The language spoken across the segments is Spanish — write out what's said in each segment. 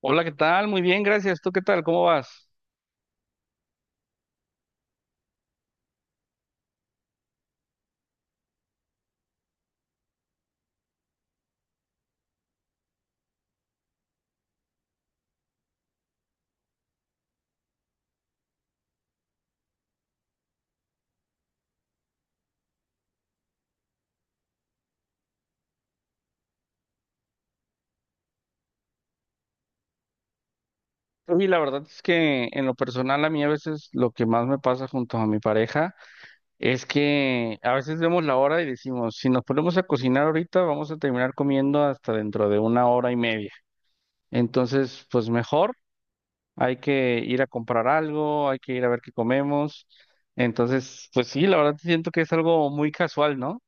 Hola, ¿qué tal? Muy bien, gracias. ¿Tú qué tal? ¿Cómo vas? Y la verdad es que en lo personal a mí a veces lo que más me pasa junto a mi pareja es que a veces vemos la hora y decimos, si nos ponemos a cocinar ahorita vamos a terminar comiendo hasta dentro de una hora y media. Entonces, pues mejor hay que ir a comprar algo, hay que ir a ver qué comemos. Entonces, pues sí, la verdad siento que es algo muy casual, ¿no?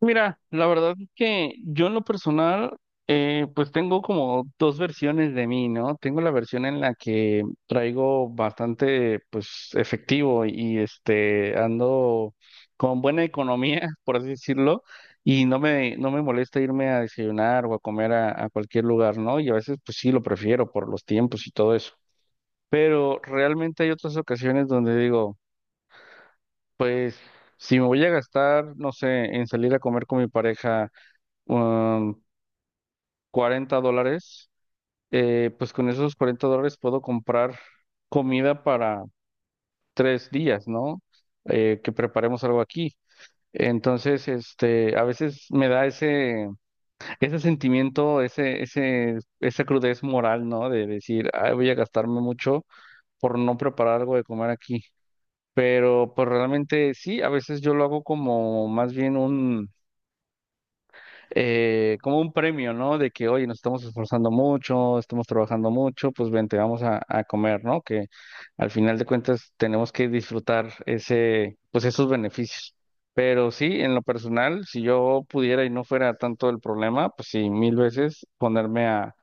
Mira, la verdad es que yo en lo personal, pues tengo como dos versiones de mí, ¿no? Tengo la versión en la que traigo bastante, pues, efectivo y este, ando con buena economía, por así decirlo, y no me molesta irme a desayunar o a comer a cualquier lugar, ¿no? Y a veces, pues sí, lo prefiero por los tiempos y todo eso. Pero realmente hay otras ocasiones donde digo, pues, si me voy a gastar, no sé, en salir a comer con mi pareja um, $40, pues con esos $40 puedo comprar comida para 3 días, ¿no? Que preparemos algo aquí. Entonces, este, a veces me da ese, ese sentimiento, esa crudez moral, ¿no? De decir: "Ay, voy a gastarme mucho por no preparar algo de comer aquí". Pero, pues realmente sí, a veces yo lo hago como más bien como un premio, ¿no? De que, oye, nos estamos esforzando mucho, estamos trabajando mucho, pues vente, vamos a comer, ¿no? Que al final de cuentas tenemos que disfrutar ese, pues esos beneficios. Pero sí, en lo personal, si yo pudiera y no fuera tanto el problema, pues sí, mil veces ponerme a,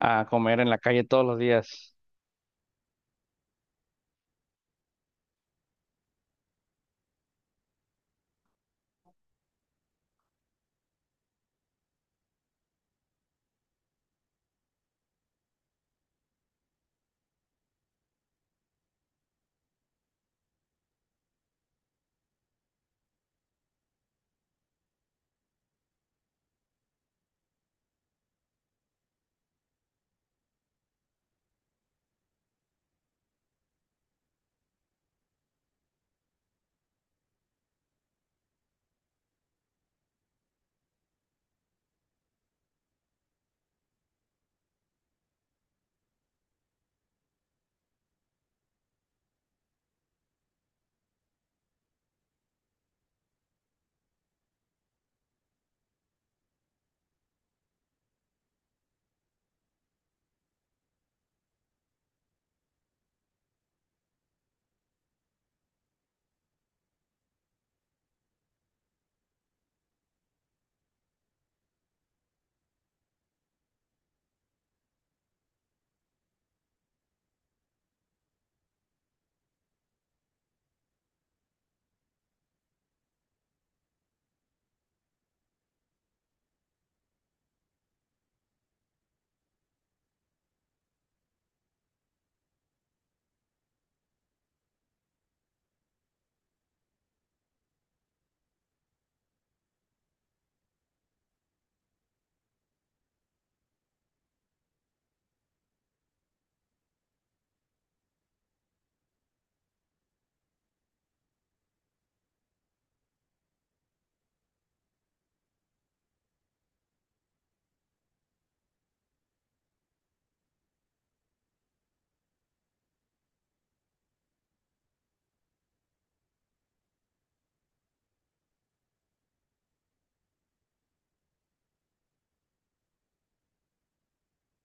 a comer en la calle todos los días.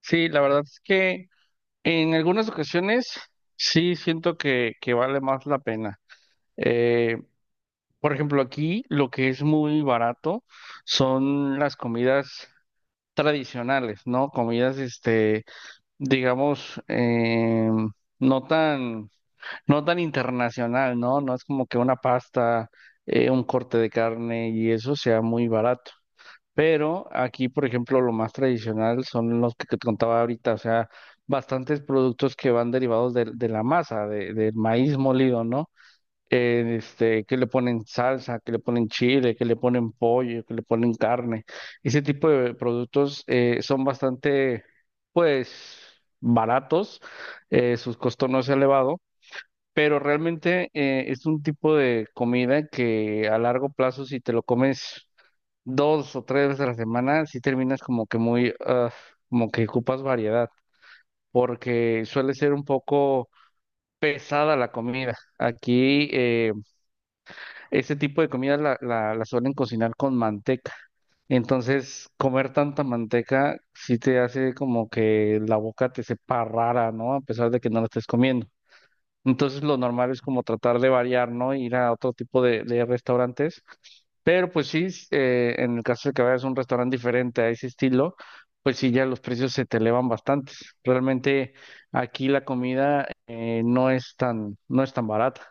Sí, la verdad es que en algunas ocasiones sí siento que vale más la pena. Eh, Por ejemplo, aquí lo que es muy barato son las comidas tradicionales, ¿no? Comidas, este, digamos, no tan, no tan internacional, ¿no? No es como que una pasta, un corte de carne y eso sea muy barato. Pero aquí, por ejemplo, lo más tradicional son los que te contaba ahorita, o sea, bastantes productos que van derivados de la masa, del maíz molido, ¿no? Este, que le ponen salsa, que le ponen chile, que le ponen pollo, que le ponen carne. Ese tipo de productos son bastante, pues, baratos, sus costos no es elevado, pero realmente es un tipo de comida que a largo plazo, si te lo comes dos o tres veces a la semana, si terminas como que muy, ah, como que ocupas variedad, porque suele ser un poco pesada la comida. Aquí, ese tipo de comida la suelen cocinar con manteca. Entonces, comer tanta manteca sí te hace como que la boca te sepa rara, ¿no? A pesar de que no la estés comiendo. Entonces, lo normal es como tratar de variar, ¿no? Ir a otro tipo de restaurantes. Pero pues sí, en el caso de que vayas a un restaurante diferente a ese estilo, pues sí, ya los precios se te elevan bastante. Realmente aquí la comida no es tan barata.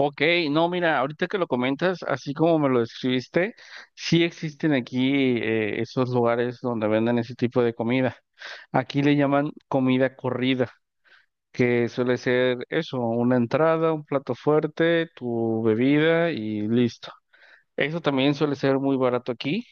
Ok, no, mira, ahorita que lo comentas, así como me lo describiste, sí existen aquí esos lugares donde venden ese tipo de comida. Aquí le llaman comida corrida, que suele ser eso, una entrada, un plato fuerte, tu bebida y listo. Eso también suele ser muy barato aquí.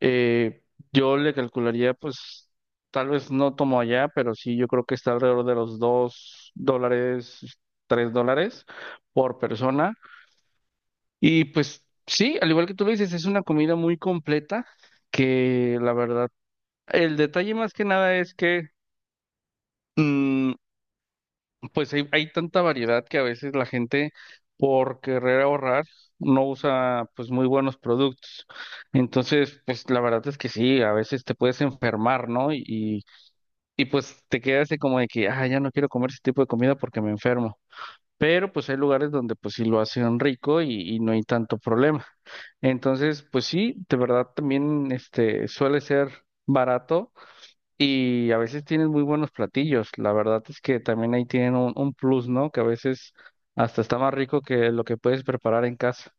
Eh, yo le calcularía, pues, tal vez no tomo allá, pero sí, yo creo que está alrededor de los $2, $3 por persona y pues sí, al igual que tú lo dices, es una comida muy completa que la verdad, el detalle más que nada es que mm, pues hay tanta variedad que a veces la gente por querer ahorrar no usa pues muy buenos productos. Entonces, pues la verdad es que sí, a veces te puedes enfermar, ¿no? Y pues te quedas así como de que, ah, ya no quiero comer ese tipo de comida porque me enfermo. Pero pues hay lugares donde pues sí lo hacen rico y no hay tanto problema. Entonces, pues sí, de verdad también este suele ser barato y a veces tienen muy buenos platillos. La verdad es que también ahí tienen un plus, ¿no? Que a veces hasta está más rico que lo que puedes preparar en casa.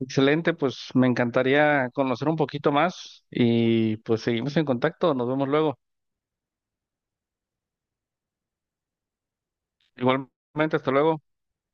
Excelente, pues me encantaría conocer un poquito más y pues seguimos en contacto. Nos vemos luego. Igualmente, hasta luego.